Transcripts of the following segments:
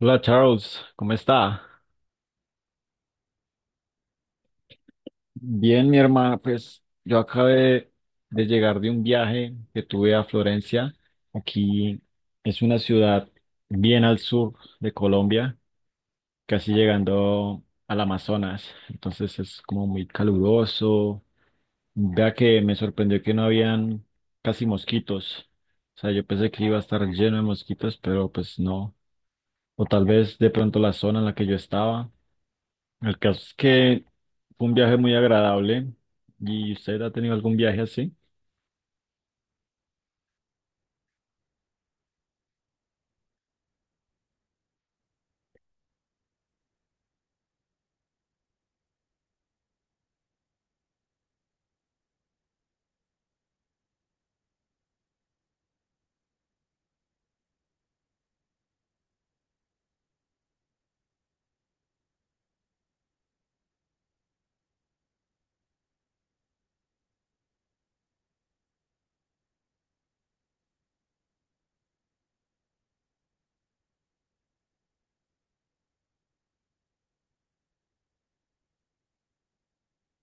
Hola Charles, ¿cómo está? Bien, mi hermana, pues yo acabé de llegar de un viaje que tuve a Florencia. Aquí es una ciudad bien al sur de Colombia, casi llegando al Amazonas. Entonces es como muy caluroso. Vea que me sorprendió que no habían casi mosquitos. O sea, yo pensé que iba a estar lleno de mosquitos, pero pues no. O tal vez de pronto la zona en la que yo estaba. El caso es que fue un viaje muy agradable. ¿Y usted ha tenido algún viaje así?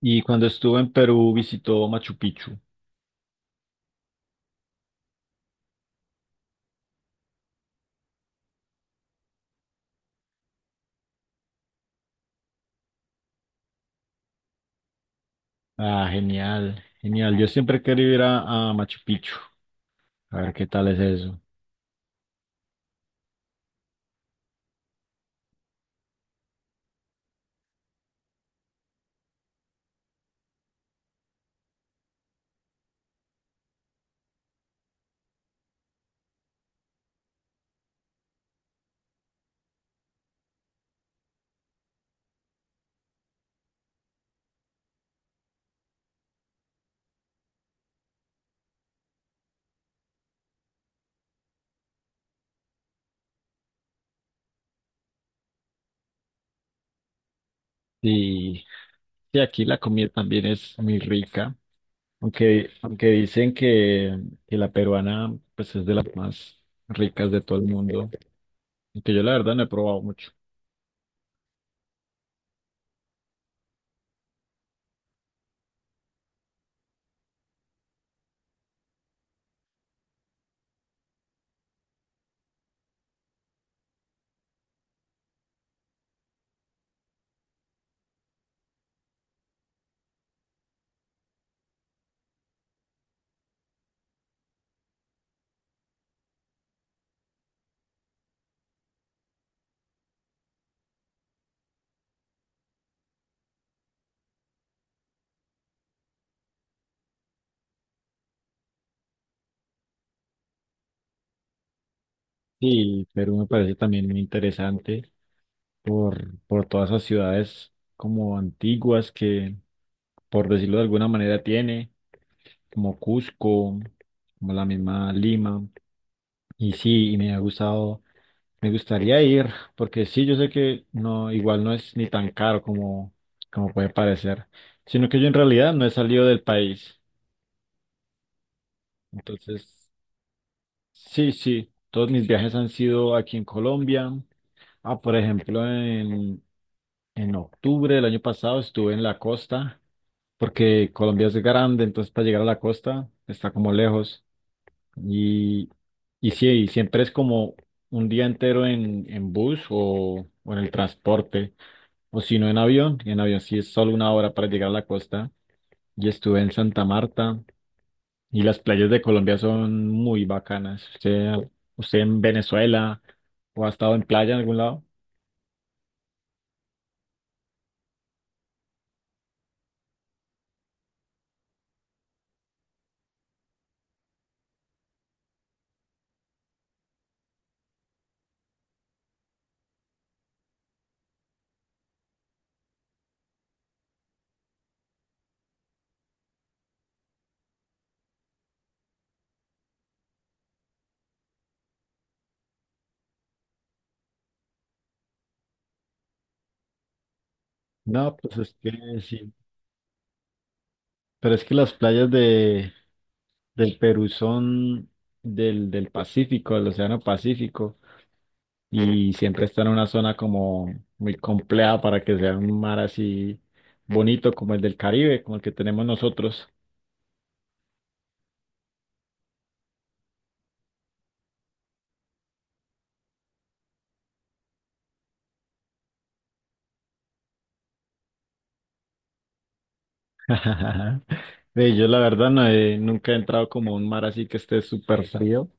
Y cuando estuvo en Perú visitó Machu Picchu. Ah, genial, genial. Yo siempre quería ir a Machu Picchu. A ver qué tal es eso. Y, y aquí la comida también es muy rica. Aunque dicen que la peruana pues es de las más ricas de todo el mundo. Aunque yo la verdad no he probado mucho. Sí, Perú me parece también muy interesante. Por todas esas ciudades como antiguas que, por decirlo de alguna manera, tiene, como Cusco, como la misma Lima. Y sí, y me ha gustado, me gustaría ir, porque sí, yo sé que no, igual no es ni tan caro como, como puede parecer, sino que yo en realidad no he salido del país. Entonces, sí, sí, todos mis viajes han sido aquí en Colombia. Ah, por ejemplo, en octubre del año pasado estuve en la costa porque Colombia es grande, entonces para llegar a la costa está como lejos. Y, y sí, y siempre es como un día entero en bus o en el transporte, o si no en avión, en avión sí es solo una hora para llegar a la costa. Y estuve en Santa Marta y las playas de Colombia son muy bacanas. ¿Usted en Venezuela o ha estado en playa en algún lado? No, pues es que sí. Pero es que las playas del Perú son del Pacífico, del Océano Pacífico, y siempre está en una zona como muy compleja para que sea un mar así bonito como el del Caribe, como el que tenemos nosotros. Ve, yo la verdad nunca he entrado como a un mar así que esté súper frío,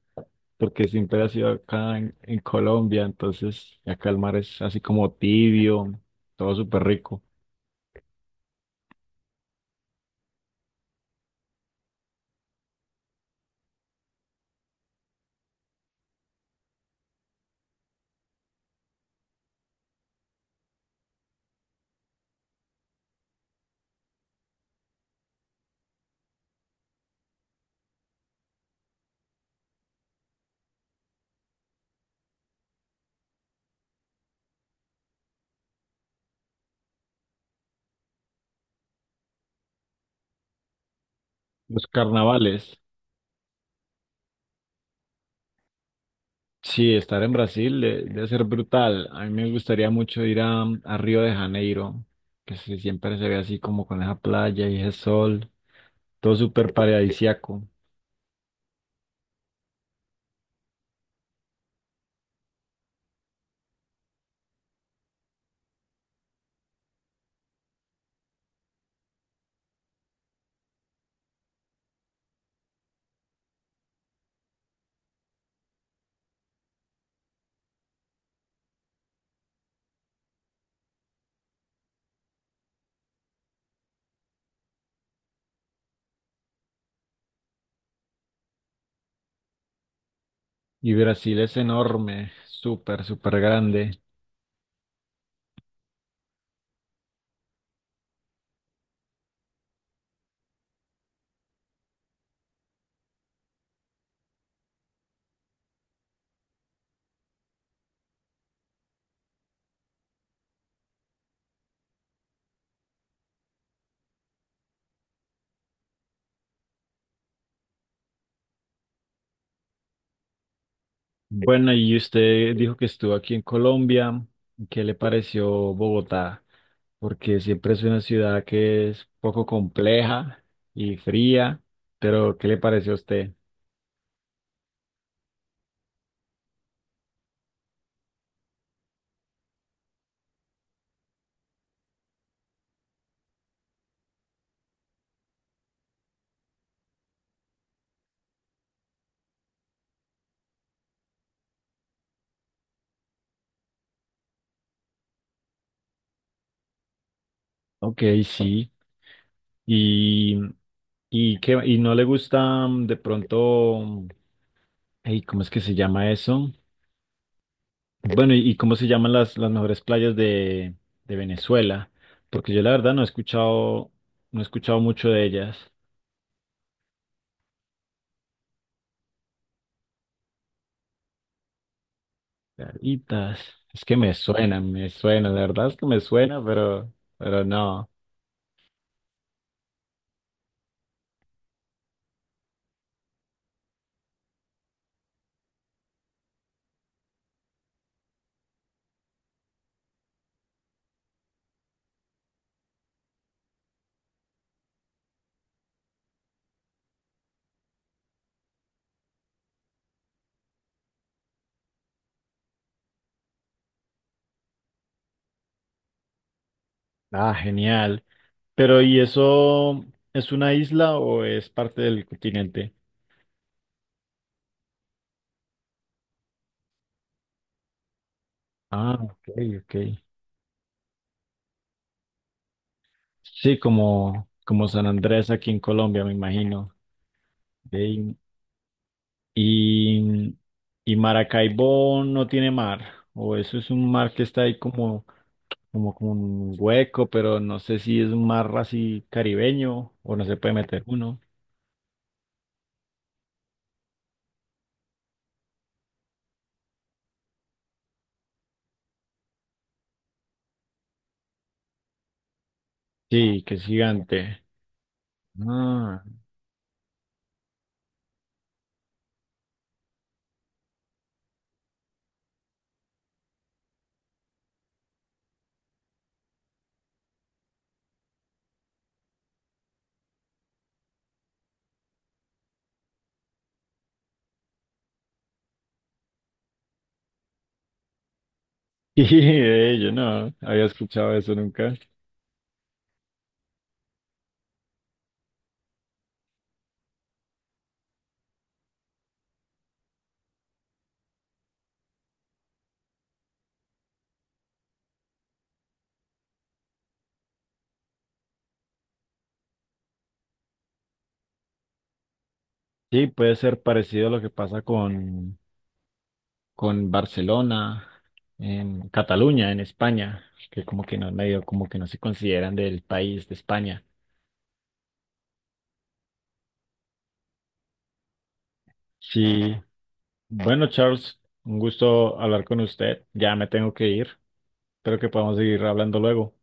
porque siempre ha sido acá en Colombia, entonces acá el mar es así como tibio, todo súper rico. Los carnavales. Sí, estar en Brasil debe ser brutal. A mí me gustaría mucho ir a Río de Janeiro, que siempre se ve así como con esa playa y ese sol, todo súper paradisíaco. Y Brasil es enorme, súper, súper grande. Bueno, y usted dijo que estuvo aquí en Colombia. ¿Qué le pareció Bogotá? Porque siempre es una ciudad que es poco compleja y fría, pero ¿qué le pareció a usted? Ok, sí. Y, y no le gusta mm, de pronto, mm, ey, ¿cómo es que se llama eso? Bueno, y cómo se llaman las mejores playas de Venezuela, porque yo la verdad no he escuchado, no he escuchado mucho de ellas. Caritas, es que me suena, la verdad es que me suena, pero no. Ah, genial. Pero ¿y eso es una isla o es parte del continente? Ah, ok. Sí, como, como San Andrés aquí en Colombia, me imagino. Ve, Y, y Maracaibo no tiene mar, o eso es un mar que está ahí como, como, como un hueco, pero no sé si es un mar así caribeño o no se puede meter uno. Sí, que es gigante. Ah, y de ello no había escuchado eso nunca. Sí, puede ser parecido a lo que pasa con Barcelona, en Cataluña, en España, que como que no, medio como que no se consideran del país de España. Sí, bueno, Charles, un gusto hablar con usted. Ya me tengo que ir. Espero que podamos seguir hablando luego.